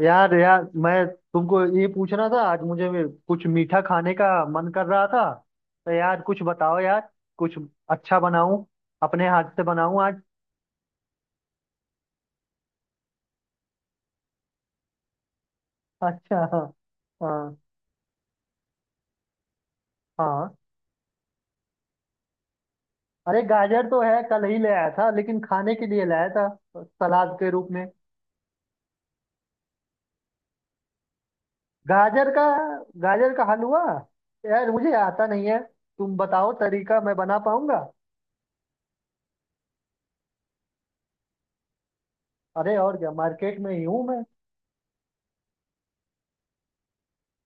यार यार मैं तुमको ये पूछना था, आज मुझे भी कुछ मीठा खाने का मन कर रहा था। तो यार कुछ बताओ यार, कुछ अच्छा बनाऊं, अपने हाथ से बनाऊं आज। अच्छा। हाँ। हाँ। हाँ। अरे गाजर तो है, कल ही ले आया था, लेकिन खाने के लिए लाया था, सलाद के रूप में। गाजर का, गाजर का हलवा? यार मुझे आता नहीं है। तुम बताओ तरीका, मैं बना पाऊंगा। अरे और क्या, मार्केट में ही हूँ मैं।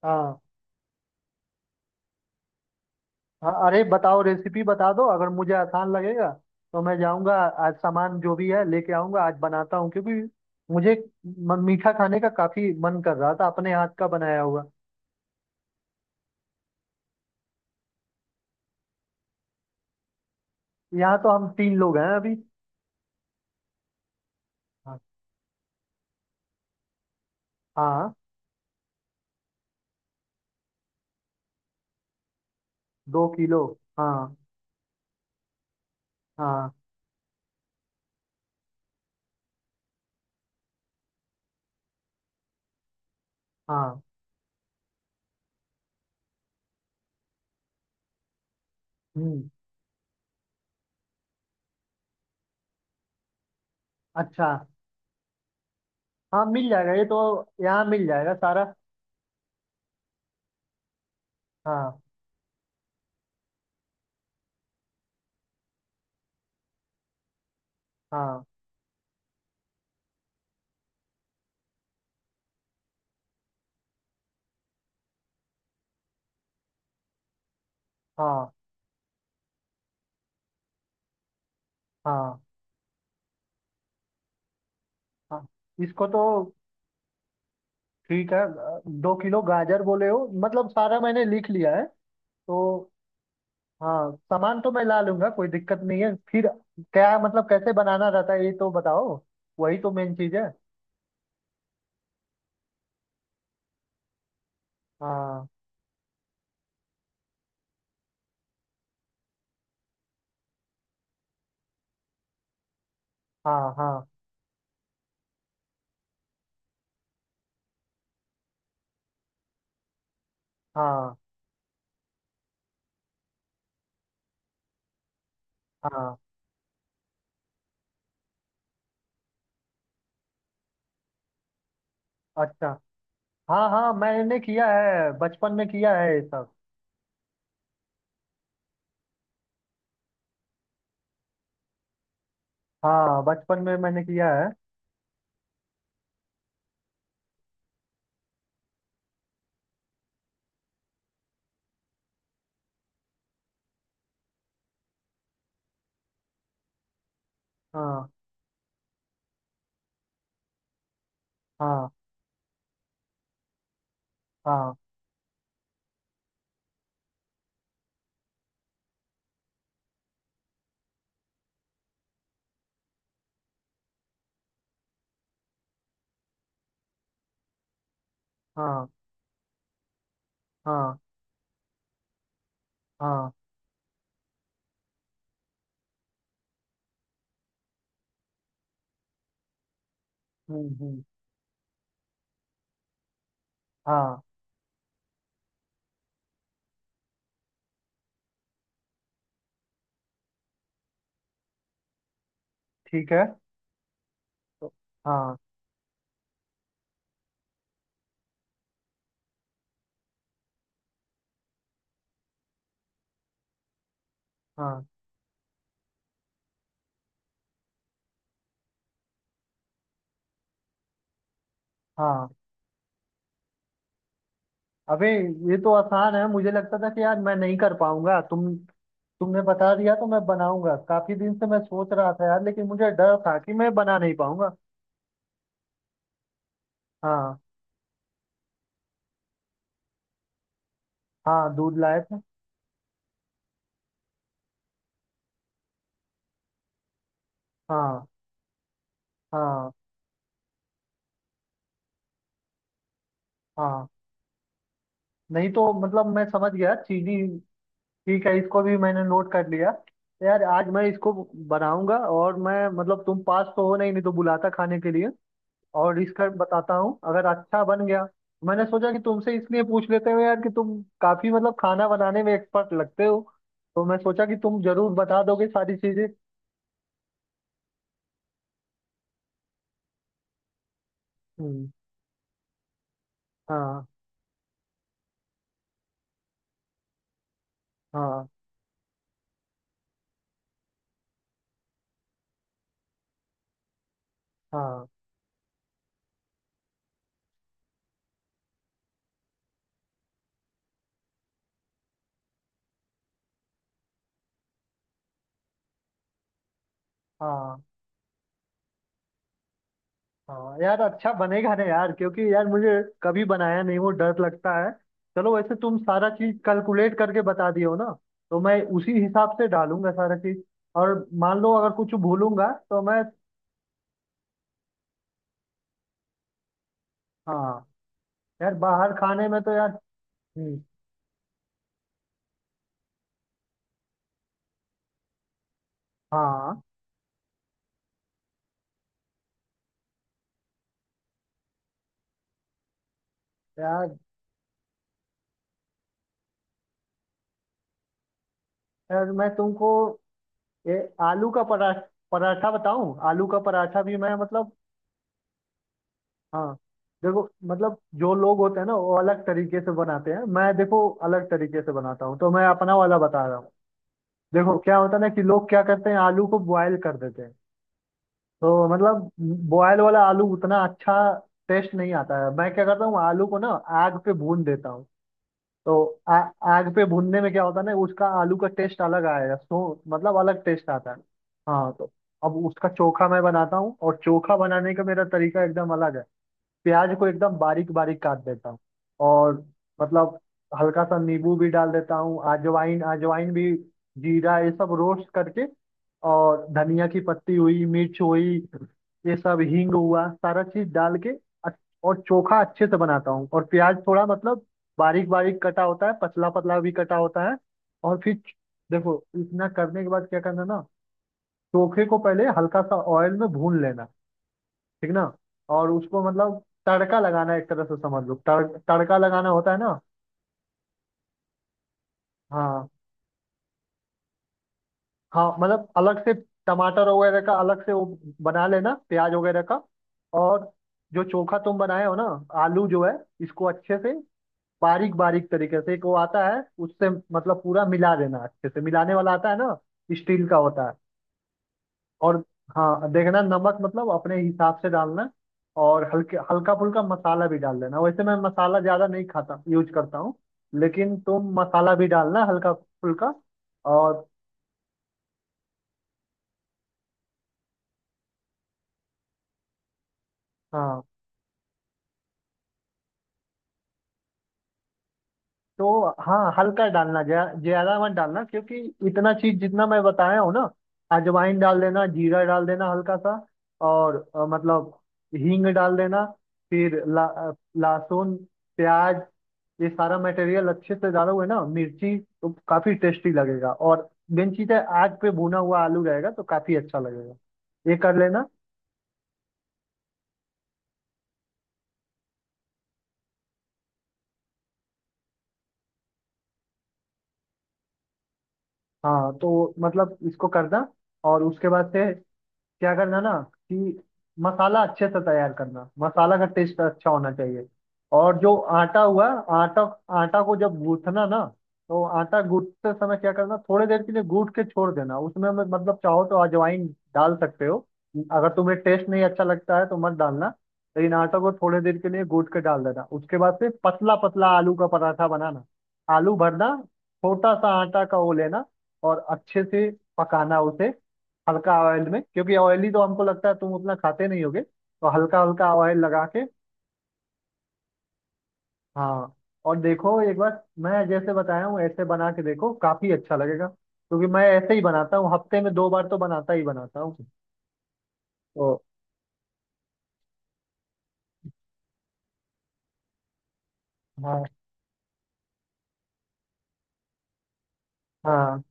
हाँ। हाँ। अरे बताओ, रेसिपी बता दो, अगर मुझे आसान लगेगा तो मैं जाऊंगा। आज सामान जो भी है लेके आऊंगा, आज बनाता हूँ क्योंकि मुझे मीठा खाने का काफी मन कर रहा था, अपने हाथ का बनाया हुआ। यहाँ तो हम तीन लोग हैं अभी। हाँ। हाँ। 2 किलो। हाँ। हाँ। हाँ। हम्म। अच्छा। हाँ मिल जाएगा ये तो, यहाँ मिल जाएगा सारा। हाँ। हाँ। हाँ। हाँ। हाँ। इसको तो ठीक है। दो किलो गाजर बोले हो, मतलब सारा मैंने लिख लिया है तो। हाँ सामान तो मैं ला लूंगा, कोई दिक्कत नहीं है फिर। क्या मतलब कैसे बनाना रहता है ये तो बताओ, वही तो मेन चीज है। हाँ। हाँ। हाँ। हाँ। हाँ। अच्छा। हाँ हाँ मैंने किया है, बचपन में किया है ये सब। हाँ बचपन में मैंने किया है। हाँ। हाँ। हाँ। हाँ। हाँ। हाँ। हम्म। हम्म। हाँ ठीक है। तो- हाँ। हाँ। हाँ। अबे ये तो आसान है, मुझे लगता था कि यार मैं नहीं कर पाऊंगा। तुमने बता दिया तो मैं बनाऊंगा। काफी दिन से मैं सोच रहा था यार, लेकिन मुझे डर था कि मैं बना नहीं पाऊंगा। हाँ। हाँ दूध लाए थे। हाँ। हाँ। हाँ नहीं तो, मतलब मैं समझ गया, चीनी। ठीक है, इसको भी मैंने नोट कर लिया। तो यार आज मैं इसको बनाऊंगा, और मैं मतलब तुम पास तो हो नहीं, नहीं तो बुलाता खाने के लिए। और इसका बताता हूँ अगर अच्छा बन गया। मैंने सोचा कि तुमसे इसलिए पूछ लेते हो यार, कि तुम काफी मतलब खाना बनाने में एक्सपर्ट लगते हो, तो मैं सोचा कि तुम जरूर बता दोगे सारी चीजें। हम्म। हाँ। हाँ। हाँ। हाँ। हाँ यार, अच्छा बनेगा ना यार, क्योंकि यार मुझे कभी बनाया नहीं, वो डर लगता है। चलो, वैसे तुम सारा चीज कैलकुलेट करके बता दियो ना, तो मैं उसी हिसाब से डालूंगा सारा चीज। और मान लो अगर कुछ भूलूंगा तो मैं। हाँ। यार बाहर खाने में तो यार। हम्म। हाँ यार, यार मैं तुमको ये आलू का पराठा, पराठा बताऊं, आलू का पराठा भी मैं मतलब। हाँ। देखो मतलब जो लोग होते हैं ना, वो अलग तरीके से बनाते हैं, मैं देखो अलग तरीके से बनाता हूँ, तो मैं अपना वाला बता रहा हूँ। देखो क्या होता है ना, कि लोग क्या करते हैं, आलू को बॉयल कर देते हैं। तो मतलब बॉयल वाला आलू उतना अच्छा टेस्ट नहीं आता है। मैं क्या करता हूँ, आलू को ना आग पे भून देता हूँ। तो आग पे भूनने में क्या होता है ना, उसका आलू का टेस्ट अलग आएगा, सो मतलब अलग टेस्ट आता है। हाँ तो अब उसका चोखा मैं बनाता हूँ, और चोखा बनाने का मेरा तरीका एकदम अलग है। प्याज को एकदम बारीक बारीक काट देता हूँ, और मतलब हल्का सा नींबू भी डाल देता हूँ, अजवाइन, अजवाइन भी, जीरा, ये सब रोस्ट करके। और धनिया की पत्ती हुई, मिर्च हुई, ये सब हींग हुआ, सारा चीज डाल के अच्छ- और चोखा अच्छे से बनाता हूँ। और प्याज थोड़ा मतलब बारीक बारीक कटा होता है, पतला पतला भी कटा होता है। और फिर देखो, इतना करने के बाद क्या करना ना, चोखे को पहले हल्का सा ऑयल में भून लेना, ठीक ना। और उसको मतलब तड़का लगाना है, एक तरह से समझ लो, तड़का लगाना होता है ना। हाँ। हाँ मतलब अलग से टमाटर वगैरह का, अलग से वो बना लेना, प्याज वगैरह का। और जो चोखा तुम बनाए हो ना, आलू जो है, इसको अच्छे से बारीक बारीक तरीके से, एक वो आता है उससे मतलब पूरा मिला देना। अच्छे से मिलाने वाला आता है ना, स्टील का होता है। और हाँ देखना, नमक मतलब अपने हिसाब से डालना। और हल्के हल्का फुल्का मसाला भी डाल देना, वैसे मैं मसाला ज़्यादा नहीं खाता, यूज करता हूँ, लेकिन तुम मसाला भी डालना हल्का फुल्का। और हाँ। तो हाँ हल्का डालना, ज़्यादा मत डालना, क्योंकि इतना चीज़ जितना मैं बताया हूँ ना। अजवाइन डाल देना, जीरा डाल देना हल्का सा। और मतलब हींग डाल देना, फिर लहसुन, प्याज, ये सारा मटेरियल अच्छे से डाला हुआ है ना, मिर्ची, तो काफी टेस्टी लगेगा। और मेन चीज है आग पे भुना हुआ आलू रहेगा तो काफी अच्छा लगेगा। ये कर लेना। हाँ तो मतलब इसको करना, और उसके बाद से क्या करना ना, कि मसाला अच्छे से तैयार करना, मसाला का टेस्ट अच्छा होना चाहिए। और जो आटा हुआ, आटा, आटा को जब गूंथना ना, तो आटा गूंथते समय क्या करना, थोड़ी देर के लिए गूंथ के छोड़ देना। उसमें में मतलब चाहो तो अजवाइन डाल सकते हो, अगर तुम्हें टेस्ट नहीं अच्छा लगता है तो मत डालना। लेकिन आटा को थोड़ी देर के लिए गूंथ के डाल देना, उसके बाद फिर पतला पतला आलू का पराठा बनाना, आलू भरना, छोटा सा आटा का वो लेना, और अच्छे से पकाना उसे, हल्का ऑयल में, क्योंकि ऑयली तो हमको लगता है तुम उतना खाते नहीं होगे, तो हल्का हल्का ऑयल लगा के। हाँ और देखो, एक बार मैं जैसे बताया हूँ ऐसे बना के देखो, काफी अच्छा लगेगा, क्योंकि मैं ऐसे ही बनाता हूँ, हफ्ते में दो बार तो बनाता ही बनाता हूँ। तो हाँ। हाँ।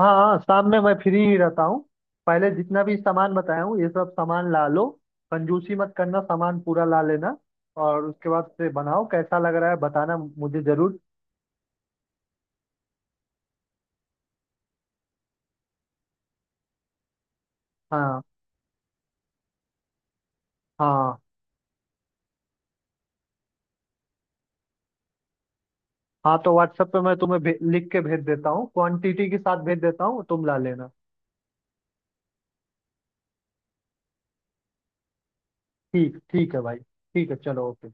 हाँ। हाँ, शाम में मैं फ्री ही रहता हूँ। पहले जितना भी सामान बताया हूँ, ये सब सामान ला लो, कंजूसी मत करना, सामान पूरा ला लेना। और उसके बाद से बनाओ, कैसा लग रहा है बताना मुझे जरूर। हाँ। हाँ। हाँ तो व्हाट्सएप पे मैं तुम्हें लिख के भेज देता हूँ, क्वांटिटी के साथ भेज देता हूँ, तुम ला लेना। ठीक ठीक है भाई, ठीक है, चलो, ओके।